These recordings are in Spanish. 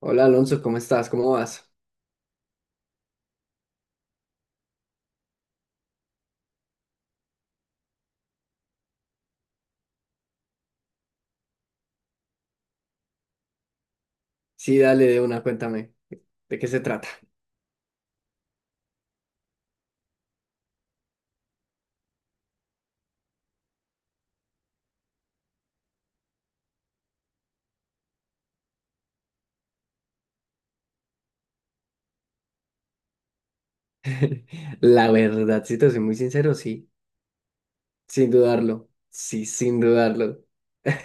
Hola Alonso, ¿cómo estás? ¿Cómo vas? Sí, dale de una, cuéntame. ¿De qué se trata? La verdad, si te soy muy sincero, sí, sin dudarlo. Sí, sin dudarlo.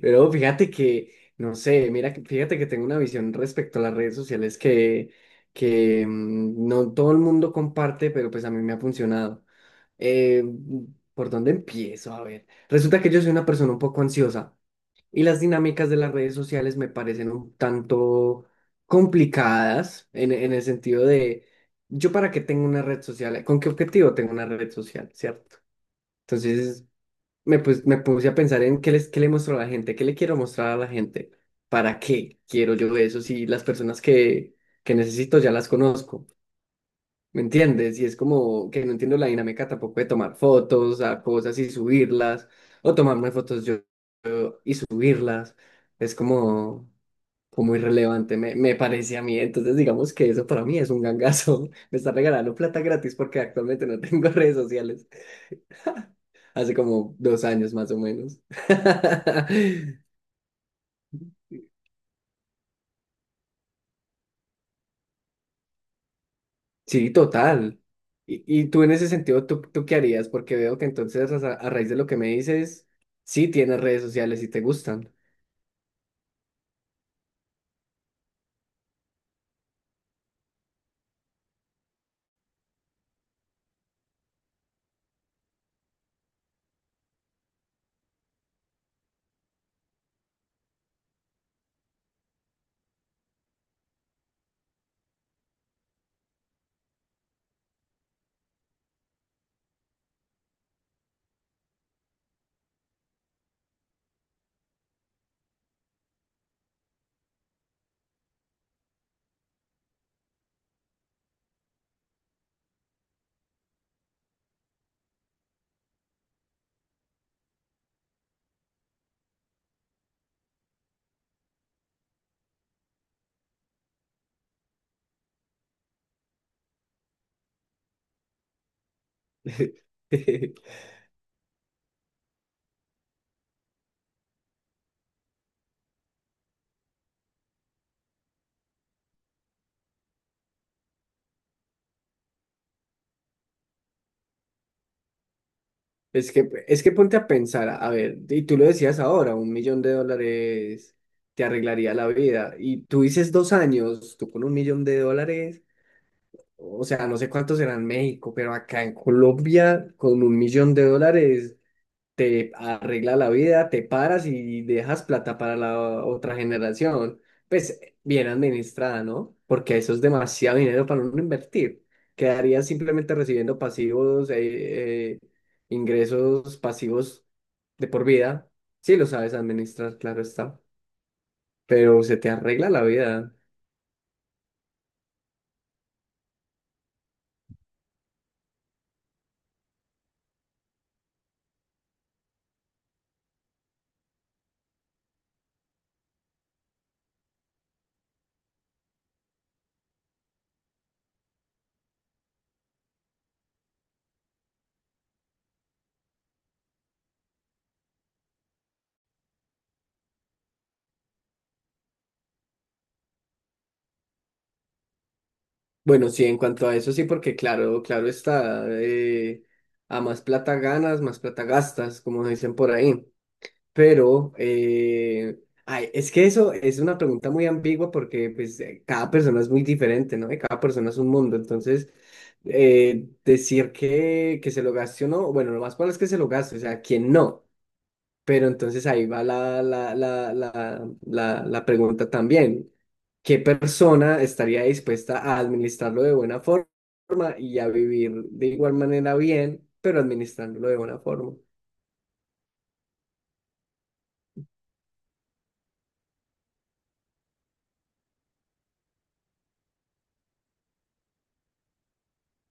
Pero fíjate que, no sé, mira, fíjate que tengo una visión respecto a las redes sociales que no todo el mundo comparte, pero pues a mí me ha funcionado. Eh, ¿Por dónde empiezo? A ver, resulta que yo soy una persona un poco ansiosa. Y las dinámicas de las redes sociales me parecen un tanto complicadas en el sentido de, ¿yo para qué tengo una red social? ¿Con qué objetivo tengo una red social? ¿Cierto? Entonces me puse a pensar en qué le muestro a la gente, qué le quiero mostrar a la gente, para qué quiero yo eso si las personas que necesito ya las conozco. ¿Me entiendes? Y es como que no entiendo la dinámica tampoco de tomar fotos a cosas y subirlas, o tomarme fotos yo y subirlas. Es como, fue muy relevante, me parece a mí. Entonces, digamos que eso para mí es un gangazo. Me está regalando plata gratis porque actualmente no tengo redes sociales. Hace como 2 años más o menos. Sí, total. Y tú en ese sentido, ¿tú, tú qué harías? Porque veo que entonces a raíz de lo que me dices, sí tienes redes sociales y te gustan. Es que ponte a pensar, a ver, y tú lo decías ahora, 1 millón de dólares te arreglaría la vida. Y tú dices 2 años, tú con 1 millón de dólares, o sea, no sé cuántos serán en México, pero acá en Colombia, con 1 millón de dólares, te arregla la vida, te paras y dejas plata para la otra generación. Pues bien administrada, ¿no? Porque eso es demasiado dinero para uno invertir. Quedarías simplemente recibiendo pasivos, ingresos pasivos de por vida. Sí lo sabes administrar, claro está. Pero se te arregla la vida. Bueno, sí, en cuanto a eso sí, porque claro, claro está. A más plata ganas, más plata gastas, como dicen por ahí. Pero, ay, es que eso es una pregunta muy ambigua porque pues, cada persona es muy diferente, ¿no? Y cada persona es un mundo. Entonces, decir que se lo gaste o no, bueno, lo más probable es que se lo gaste, o sea, ¿quién no? Pero entonces ahí va la, pregunta también. ¿Qué persona estaría dispuesta a administrarlo de buena forma y a vivir de igual manera bien, pero administrándolo de buena forma?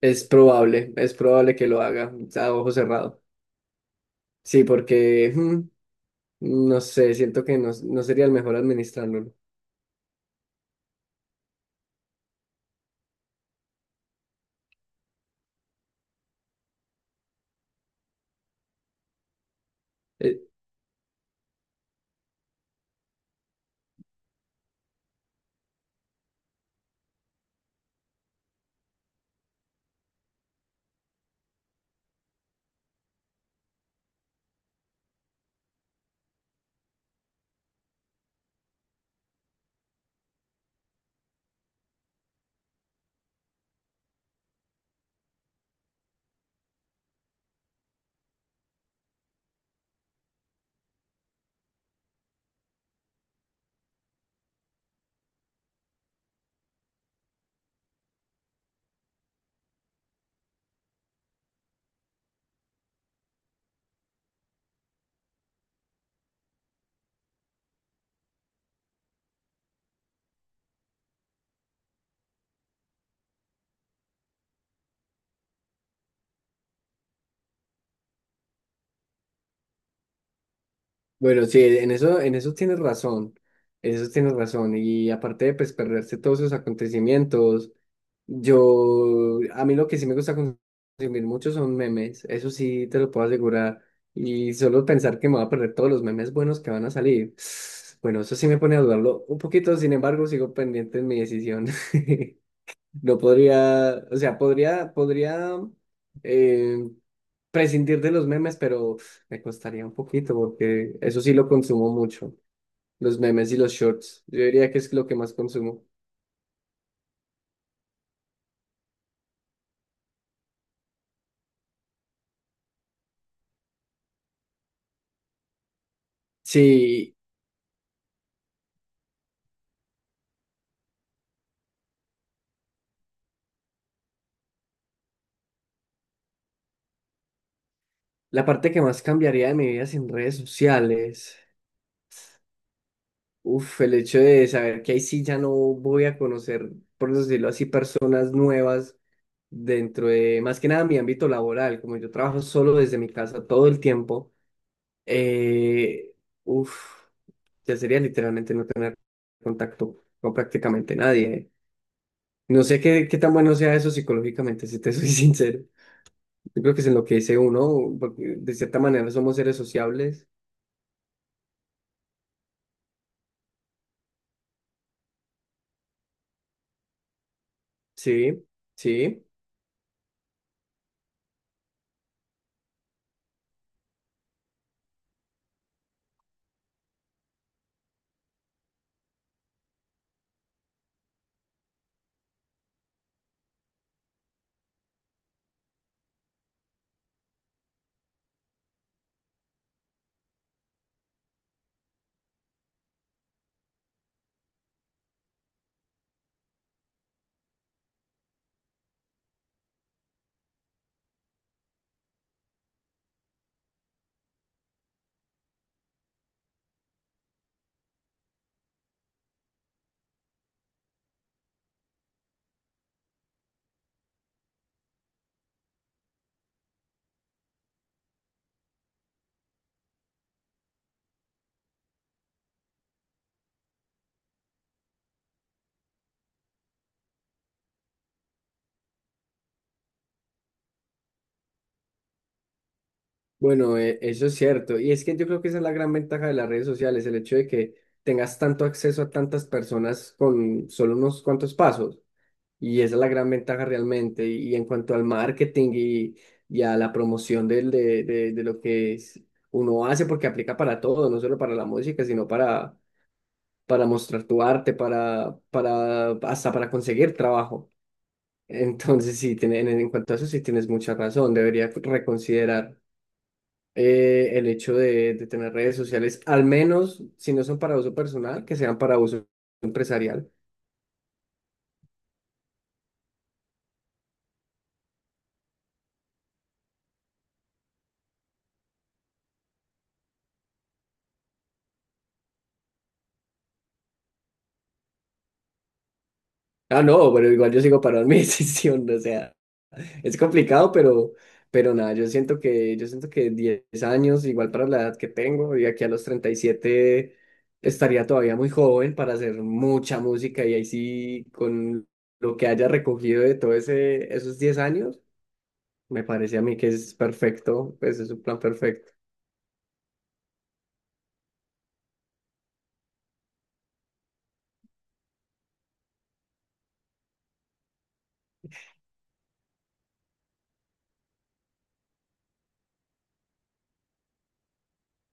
Es probable que lo haga a ojo cerrado. Sí, porque no sé, siento que no, no sería el mejor administrándolo. Eh, bueno, sí, en eso tienes razón. En eso tienes razón. Y aparte de pues, perderse todos esos acontecimientos, yo, a mí lo que sí me gusta consumir mucho son memes. Eso sí te lo puedo asegurar. Y solo pensar que me voy a perder todos los memes buenos que van a salir. Bueno, eso sí me pone a dudarlo un poquito, sin embargo, sigo pendiente en mi decisión. No podría, o sea, podría eh, prescindir de los memes, pero me costaría un poquito porque eso sí lo consumo mucho, los memes y los shorts. Yo diría que es lo que más consumo. Sí, la parte que más cambiaría de mi vida sin redes sociales, uf, el hecho de saber que ahí sí ya no voy a conocer, por decirlo así, personas nuevas dentro de, más que nada, mi ámbito laboral, como yo trabajo solo desde mi casa todo el tiempo. Eh, uf, ya sería literalmente no tener contacto con prácticamente nadie. ¿Eh? No sé qué tan bueno sea eso psicológicamente, si te soy sincero. Yo creo que es en lo que dice uno, porque de cierta manera somos seres sociables. Sí, sí. Bueno, eso es cierto. Y es que yo creo que esa es la gran ventaja de las redes sociales, el hecho de que tengas tanto acceso a tantas personas con solo unos cuantos pasos. Y esa es la gran ventaja realmente. Y, en cuanto al marketing y a la promoción de lo que uno hace, porque aplica para todo, no solo para la música, sino para mostrar tu arte, hasta para conseguir trabajo. Entonces, sí, en cuanto a eso, sí tienes mucha razón. Debería reconsiderar el hecho de tener redes sociales, al menos si no son para uso personal, que sean para uso empresarial. Ah, no, pero igual yo sigo para mi decisión, o sea. Es complicado, pero, nada, yo siento que 10 años, igual para la edad que tengo, y aquí a los 37 estaría todavía muy joven para hacer mucha música y ahí sí, con lo que haya recogido de todo esos 10 años, me parece a mí que es perfecto, pues es un plan perfecto.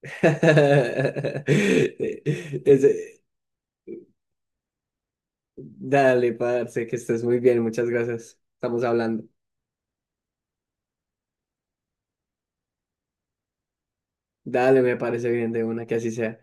Ese- dale, parce, que estés muy bien, muchas gracias. Estamos hablando. Dale, me parece bien de una, que así sea.